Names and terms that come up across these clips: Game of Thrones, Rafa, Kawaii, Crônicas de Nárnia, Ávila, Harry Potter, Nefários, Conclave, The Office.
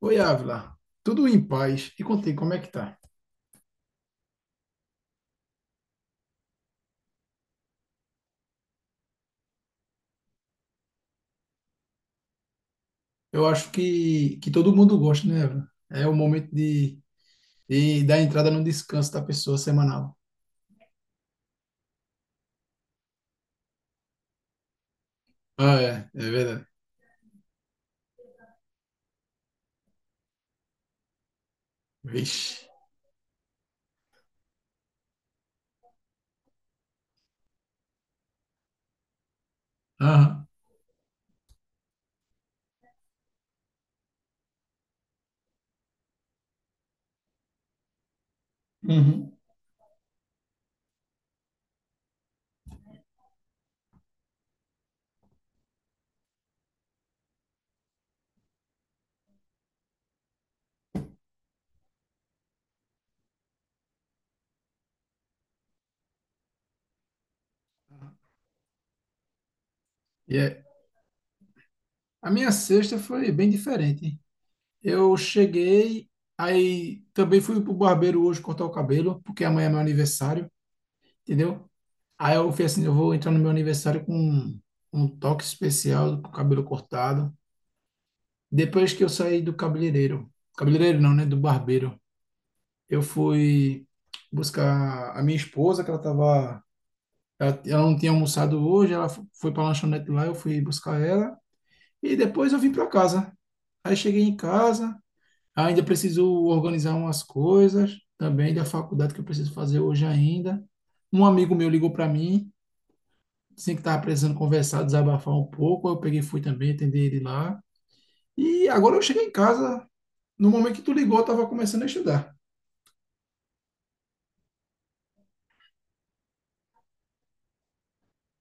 Oi, Ávila. Tudo em paz. E contigo, como é que tá? Eu acho que todo mundo gosta, né, Ávila? É o momento de dar entrada no descanso da pessoa semanal. Ah, é verdade. Vixe. Aham. Uhum. E é. A minha sexta foi bem diferente, hein? Eu cheguei, aí também fui pro barbeiro hoje cortar o cabelo, porque amanhã é meu aniversário, entendeu? Aí eu fui assim, eu vou entrar no meu aniversário com um toque especial, com o cabelo cortado. Depois que eu saí do cabeleireiro, cabeleireiro não, né? Do barbeiro, eu fui buscar a minha esposa, que ela tava, ela não tinha almoçado hoje, ela foi para lanchonete lá, eu fui buscar ela e depois eu vim para casa. Aí cheguei em casa, ainda preciso organizar umas coisas também da faculdade que eu preciso fazer hoje ainda. Um amigo meu ligou para mim, disse que estava precisando conversar, desabafar um pouco, eu peguei e fui também atender ele lá. E agora eu cheguei em casa, no momento que tu ligou, eu estava começando a estudar.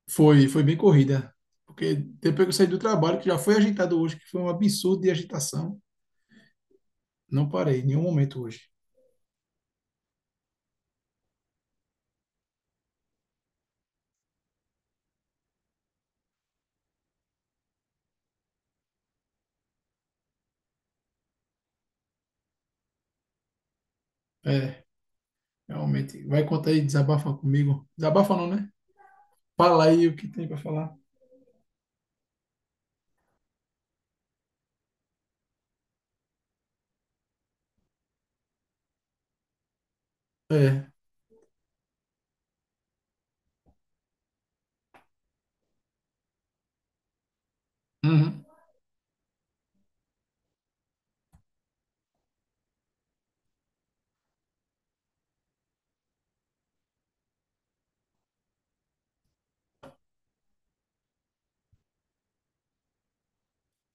Foi, foi bem corrida, porque depois que eu saí do trabalho, que já foi agitado hoje, que foi um absurdo de agitação, não parei em nenhum momento hoje. É, realmente. Vai contar aí, desabafa comigo. Desabafa não, né? Fala aí o que tem para falar. É. Uhum,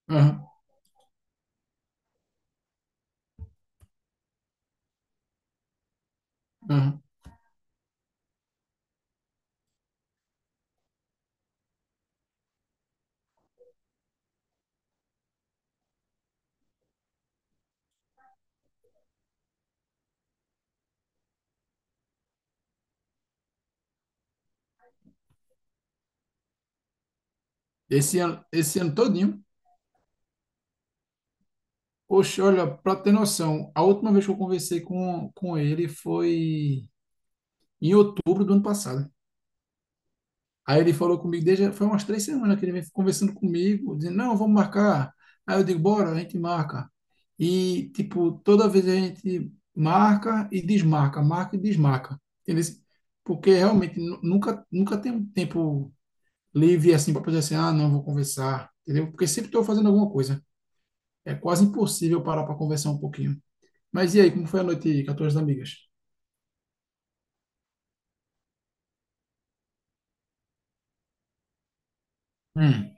uhum, uhum. Esse ano todinho. Oxe, olha, para ter noção, a última vez que eu conversei com ele foi em outubro do ano passado. Aí ele falou comigo, desde, foi umas três semanas que ele vem conversando comigo, dizendo, não, vamos marcar. Aí eu digo, bora, a gente marca. E, tipo, toda vez a gente marca e desmarca, marca e desmarca. Entendeu? Porque realmente nunca, nunca tem um tempo livre assim para poder assim, ah, não, vou conversar. Entendeu? Porque sempre estou fazendo alguma coisa. É quase impossível parar para conversar um pouquinho. Mas e aí, como foi a noite aí com as tuas amigas? Hum.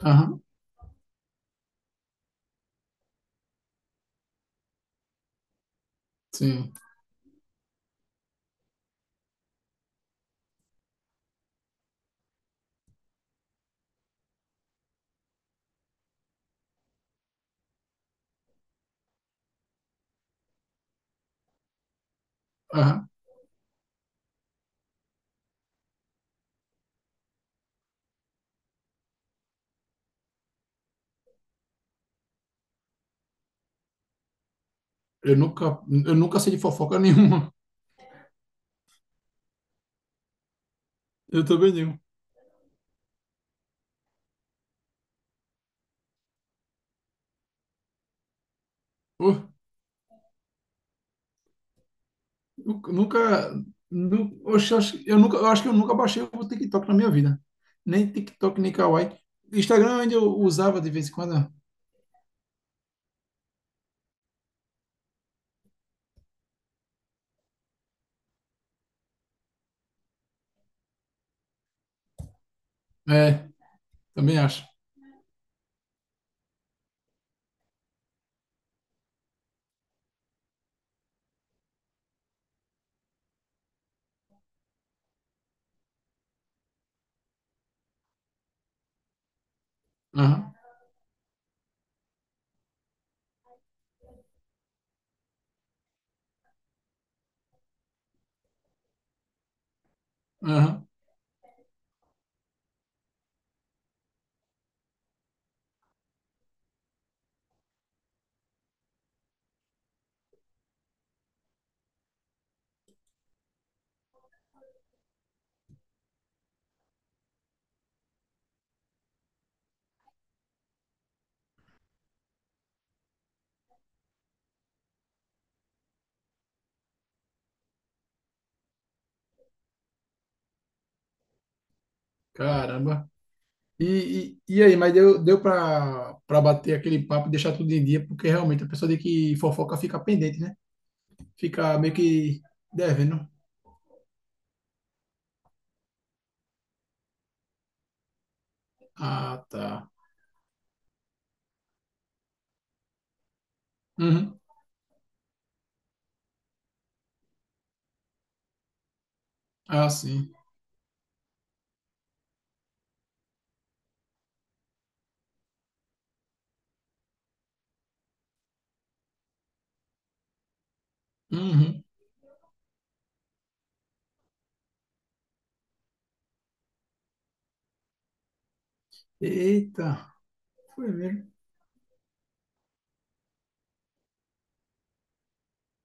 Aham, sim. Aham. Eu nunca, eu nunca sei de fofoca nenhuma. Eu também não. Pô, eu nunca. Oxe, eu nunca, eu acho que eu nunca baixei o TikTok na minha vida. Nem TikTok, nem Kawaii. Instagram ainda eu usava de vez em quando. É, também acho. Aham, aham. Caramba. E, e aí, mas deu pra bater aquele papo e deixar tudo em dia, porque realmente a pessoa de que fofoca fica pendente, né? Fica meio que devendo. Ah, tá. Uhum. Ah, sim. Uhum. Eita. Foi mesmo.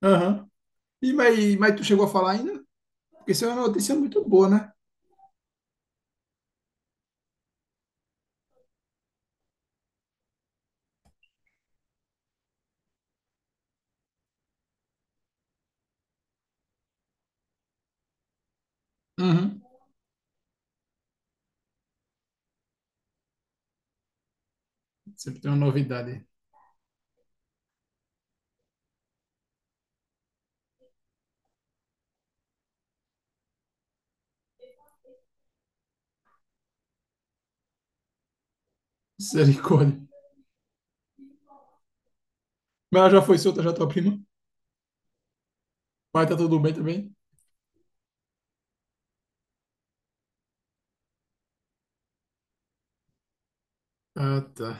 Aham. E, mas tu chegou a falar ainda? Porque isso é uma notícia muito boa, né? Uhum. Sempre tem uma novidade. Misericórdia. Mas ela já foi solta, já tua prima. Pai tá tudo bem também? Ah, tá.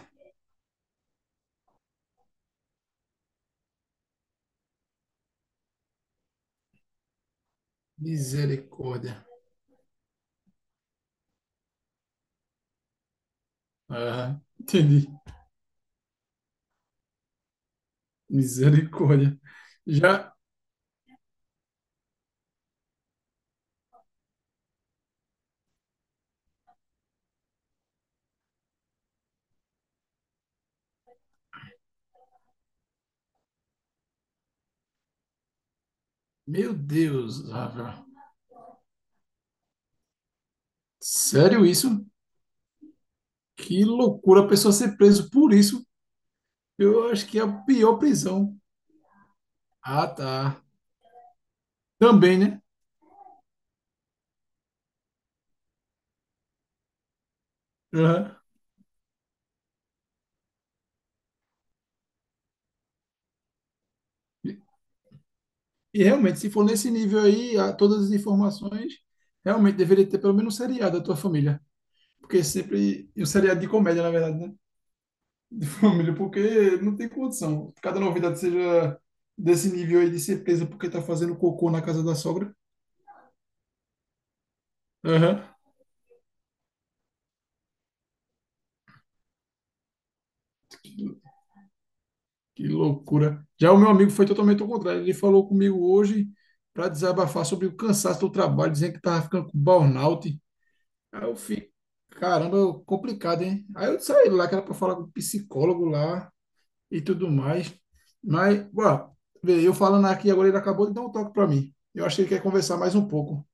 Misericórdia. Ah, entendi. Misericórdia. Já. Meu Deus, Rafa. Sério isso? Que loucura a pessoa ser preso por isso. Eu acho que é a pior prisão. Ah, tá. Também, né? Aham. E realmente, se for nesse nível aí, todas as informações, realmente deveria ter pelo menos um seriado da tua família. Porque sempre. E um seriado de comédia, na verdade, né? Família, porque não tem condição. Cada novidade seja desse nível aí de ser presa porque tá fazendo cocô na casa da sogra. Aham. Que loucura. Já o meu amigo foi totalmente ao contrário. Ele falou comigo hoje para desabafar sobre o cansaço do trabalho, dizendo que tava ficando com burnout. Aí eu fico. Caramba, complicado, hein? Aí eu saí lá que era pra falar com o psicólogo lá, e tudo mais. Mas, ó, vê, eu falando aqui agora, ele acabou de dar um toque para mim. Eu acho que ele quer conversar mais um pouco.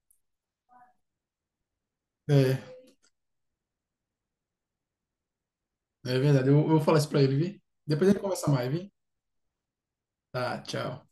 É, é verdade. Eu vou falar isso para ele, vi? Depois a gente conversa mais, vi? Tá, tchau.